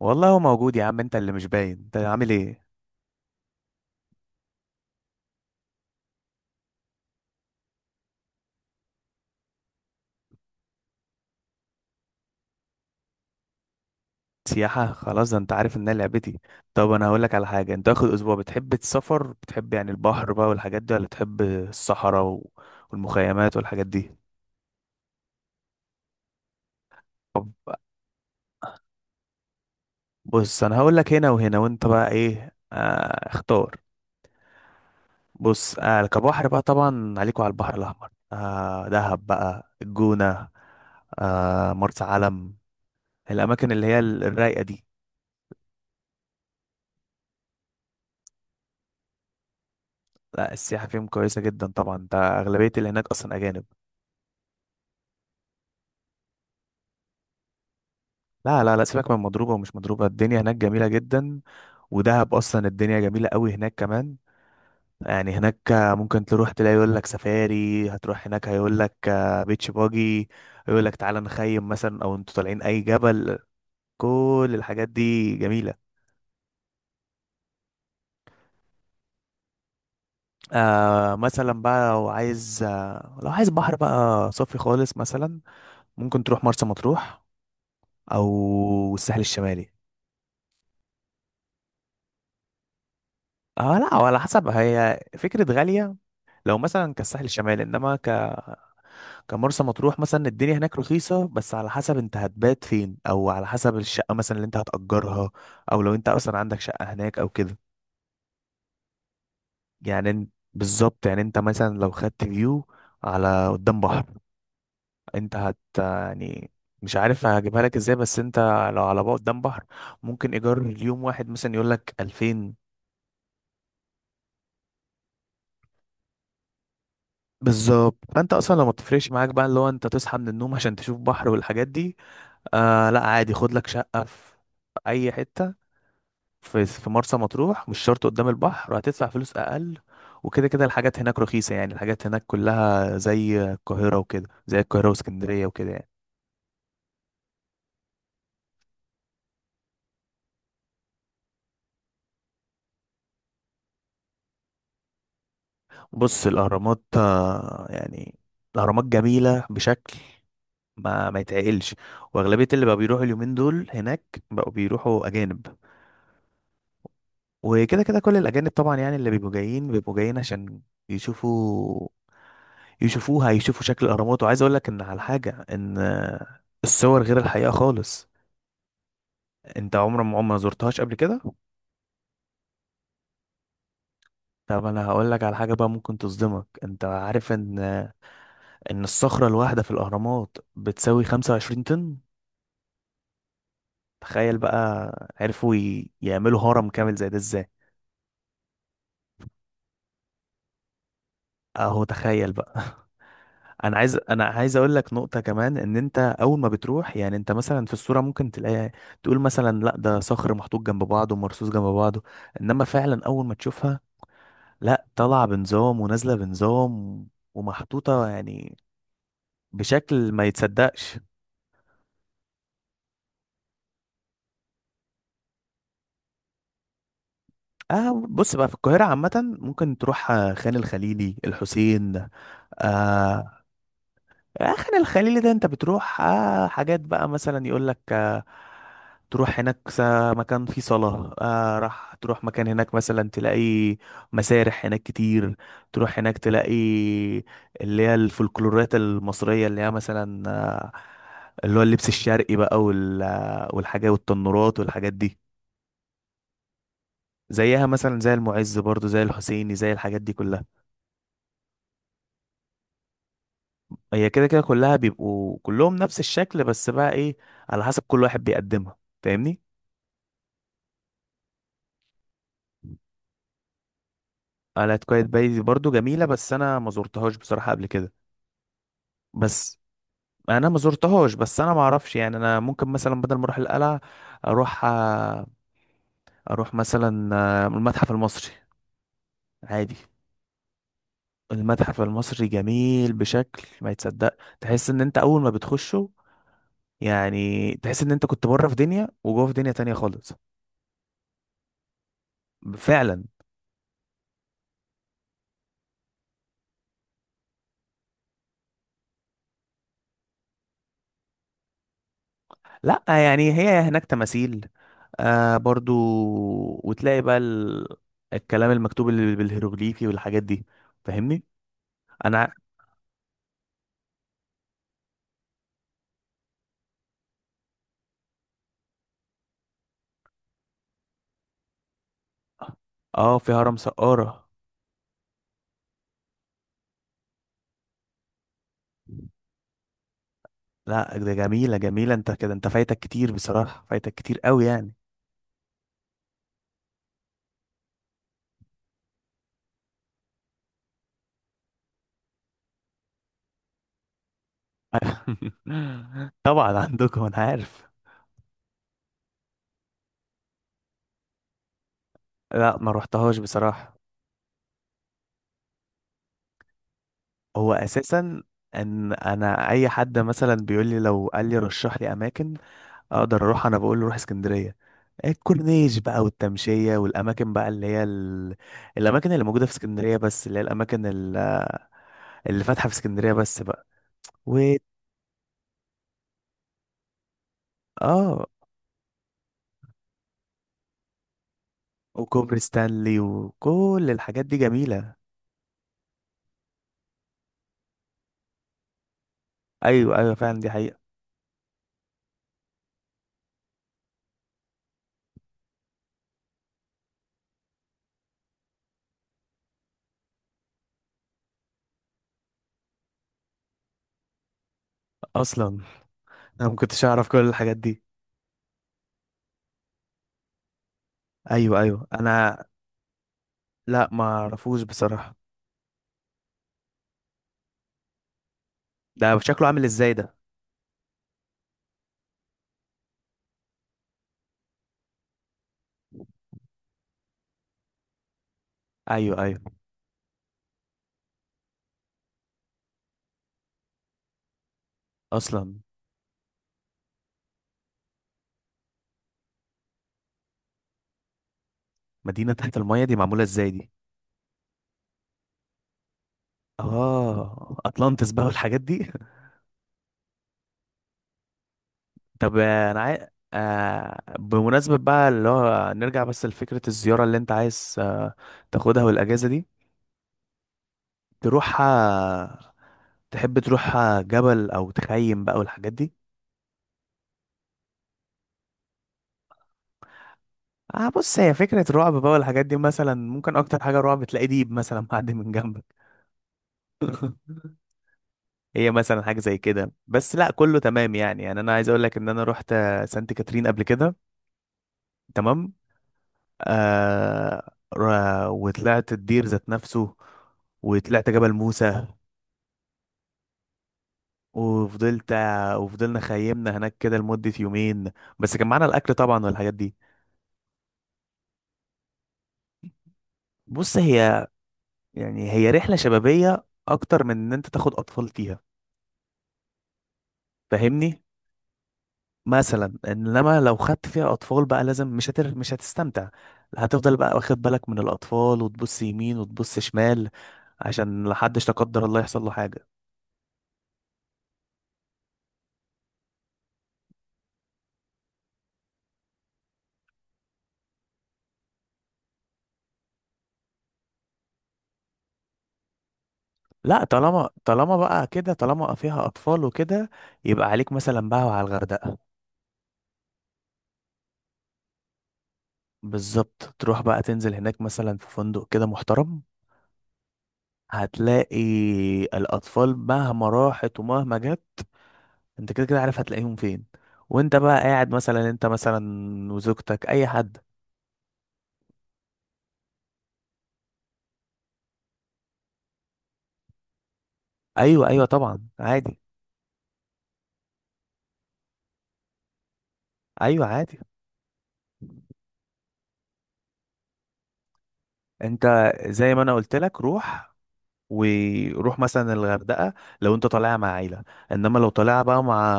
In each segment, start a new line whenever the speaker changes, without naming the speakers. والله هو موجود يا عم، انت اللي مش باين. انت عامل ايه؟ سياحة؟ خلاص، ده انت عارف ان انا لعبتي. طب انا هقولك على حاجة، انت واخد اسبوع، بتحب السفر، بتحب يعني البحر بقى والحاجات دي، ولا بتحب الصحراء والمخيمات والحاجات دي؟ طب بص، انا هقولك هنا وهنا، وانت بقى ايه، اختار. بص، كبحر بقى طبعا عليكوا على البحر الاحمر، دهب بقى، الجونة، مرسى علم، الاماكن اللي هي الرايقة دي. لا، السياحة فيهم كويسة جدا طبعا، انت اغلبية اللي هناك اصلا اجانب. لا لا لا، سيبك من مضروبة ومش مضروبة، الدنيا هناك جميلة جدا. ودهب أصلا الدنيا جميلة قوي هناك كمان. يعني هناك ممكن تروح تلاقي يقول لك سفاري، هتروح هناك هيقول لك بيتش باجي، يقول لك تعالى نخيم مثلا، أو انتوا طالعين أي جبل. كل الحاجات دي جميلة. مثلا بقى لو عايز بحر بقى صافي خالص مثلا، ممكن تروح مرسى مطروح أو الساحل الشمالي. اه لا، على حسب، هي فكرة غالية لو مثلا كالساحل الشمالي، انما كان مرسى مطروح مثلا الدنيا هناك رخيصة. بس على حسب انت هتبات فين، او على حسب الشقة مثلا اللي انت هتأجرها، او لو انت اصلا عندك شقة هناك او كده. يعني ان- بالظبط، يعني انت مثلا لو خدت فيو على قدام بحر، انت هت يعني، مش عارف هجيبها لك ازاي، بس انت لو على بقى قدام بحر، ممكن ايجار اليوم واحد مثلا يقول لك 2000. بالظبط، فانت اصلا لو ما بتفرقش معاك بقى اللي هو انت تصحى من النوم عشان تشوف بحر والحاجات دي، لا عادي، خد لك شقة في اي حتة في مرسى مطروح، مش شرط قدام البحر، هتدفع فلوس اقل. وكده كده الحاجات هناك رخيصة، يعني الحاجات هناك كلها زي القاهرة وكده، زي القاهرة واسكندرية وكده يعني. بص، الأهرامات يعني الأهرامات جميلة بشكل ما يتعقلش. وأغلبية اللي بقى بيروحوا اليومين دول هناك بقوا بيروحوا أجانب. وكده كده كل الأجانب طبعا، يعني اللي بيبقوا جايين بيبقوا جايين عشان يشوفوا، يشوفوا شكل الأهرامات. وعايز أقول لك إن على حاجة، إن الصور غير الحقيقة خالص. انت عمرك ما عمرك ما زرتهاش قبل كده؟ طب انا هقول لك على حاجه بقى ممكن تصدمك. انت عارف ان الصخره الواحده في الاهرامات بتساوي 25 طن؟ تخيل بقى، عرفوا يعملوا هرم كامل زي ده ازاي. اهو تخيل بقى. انا عايز اقول لك نقطه كمان، ان انت اول ما بتروح، يعني انت مثلا في الصوره ممكن تلاقي تقول مثلا لا ده صخر محطوط جنب بعضه ومرصوص جنب بعضه، انما فعلا اول ما تشوفها، لا، طالعه بنظام ونازله بنظام ومحطوطه يعني بشكل ما يتصدقش. اه بص بقى، في القاهرة عامة ممكن تروح خان الخليلي، الحسين، آه. خان الخليلي ده انت بتروح حاجات بقى، مثلا يقول لك آه، تروح هناك، مكان فيه صلاة، راح تروح مكان هناك مثلا تلاقي مسارح هناك كتير. تروح هناك تلاقي اللي هي الفولكلورات المصرية، اللي هي مثلا اللي هو اللبس الشرقي بقى والحاجات والتنورات والحاجات دي. زيها مثلا زي المعز، برضو زي الحسيني، زي الحاجات دي كلها. هي كده كده كلها بيبقوا كلهم نفس الشكل، بس بقى ايه، على حسب كل واحد بيقدمها. فاهمني. قلعة قايتباي دي برضو جميلة، بس انا ما زرتهاش بصراحة قبل كده. بس انا ما زرتهاش، بس انا ما اعرفش يعني. انا ممكن مثلا بدل ما اروح القلعة، اروح مثلا المتحف المصري عادي. المتحف المصري جميل بشكل ما يتصدق، تحس ان انت اول ما بتخشه، يعني تحس ان انت كنت بره في دنيا وجوه في دنيا تانية خالص، فعلا. لا يعني هي هناك تماثيل برضو، وتلاقي بقى الكلام المكتوب اللي بالهيروغليفي والحاجات دي. فاهمني. انا اه، في هرم سقارة. لا ده جميلة جميلة، انت كده انت فايتك كتير بصراحة، فايتك كتير قوي يعني. طبعا عندكم، انا عارف. لا ما روحتهاش بصراحة. هو اساسا ان انا اي حد مثلا بيقول لي، لو قال لي رشح لي اماكن اقدر اروح، انا بقول له روح اسكندريه، الكورنيش بقى والتمشيه، والاماكن بقى اللي هي الاماكن اللي موجوده في اسكندريه، بس اللي هي اللي فاتحه في اسكندريه بس بقى، و... اه، وكوبري ستانلي وكل الحاجات دي جميله. ايوه ايوه فعلا، دي حقيقه. اصلا انا ما كنتش اعرف كل الحاجات دي. ايوه ايوه. لا ما اعرفوش بصراحه. ده شكله عامل ازاي ده؟ ايوه ايوه اصلا. مدينه تحت الميه دي معموله ازاي دي؟ اه، اطلانتس بقى والحاجات دي. طب انا عايز، بمناسبة بقى اللي هو نرجع بس لفكرة الزيارة اللي انت عايز تاخدها، والاجازة دي تروحها، تحب تروحها جبل او تخيم بقى والحاجات دي؟ اه بص، هي فكرة رعب بقى والحاجات دي، مثلا ممكن اكتر حاجة رعب تلاقي ديب مثلا معدي من جنبك. هي مثلا حاجة زي كده، بس لا كله تمام يعني. يعني انا عايز اقول لك ان انا رحت سانت كاترين قبل كده، تمام. آه. وطلعت الدير ذات نفسه، وطلعت جبل موسى، وفضلت وفضلنا خيمنا هناك كده لمدة يومين، بس كان معانا الأكل طبعا والحاجات دي. بص، هي يعني هي رحلة شبابية أكتر من إن أنت تاخد أطفال فيها. فاهمني، مثلا. إنما لو خدت فيها أطفال بقى لازم، مش هتستمتع، هتفضل بقى واخد بالك من الأطفال وتبص يمين وتبص شمال، عشان لحدش لا قدر الله يحصل له حاجة. لا، طالما بقى كده، طالما فيها اطفال وكده، يبقى عليك مثلا بقى وعلى الغردقه. بالظبط، تروح بقى تنزل هناك مثلا في فندق كده محترم، هتلاقي الاطفال مهما راحت ومهما جت انت كده كده عارف هتلاقيهم فين، وانت بقى قاعد مثلا، انت مثلا وزوجتك، اي حد. ايوه ايوه طبعا عادي. ايوه عادي. انت زي ما انا قلت لك، روح وروح مثلا الغردقة لو انت طالعها مع عيلة، انما لو طالعها بقى مع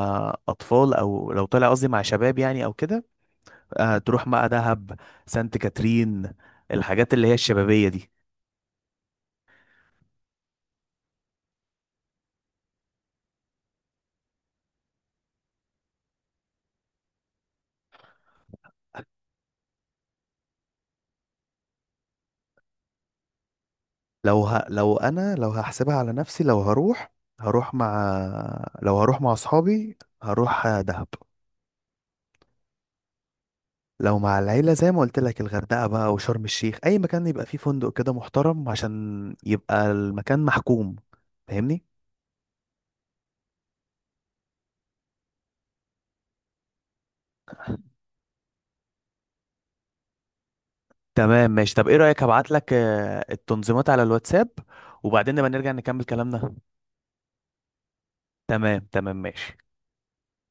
اطفال، او لو طالع قصدي مع شباب يعني او كده، تروح بقى دهب، سانت كاترين، الحاجات اللي هي الشبابية دي. لو انا لو هحسبها على نفسي، لو هروح، هروح مع لو هروح مع اصحابي، هروح دهب. لو مع العيلة، زي ما قلت لك، الغردقة بقى وشرم الشيخ، اي مكان يبقى فيه فندق كده محترم عشان يبقى المكان محكوم. فاهمني. تمام ماشي. طب ايه رأيك، هبعت لك التنظيمات على الواتساب، وبعدين نبقى نرجع نكمل كلامنا. تمام تمام ماشي.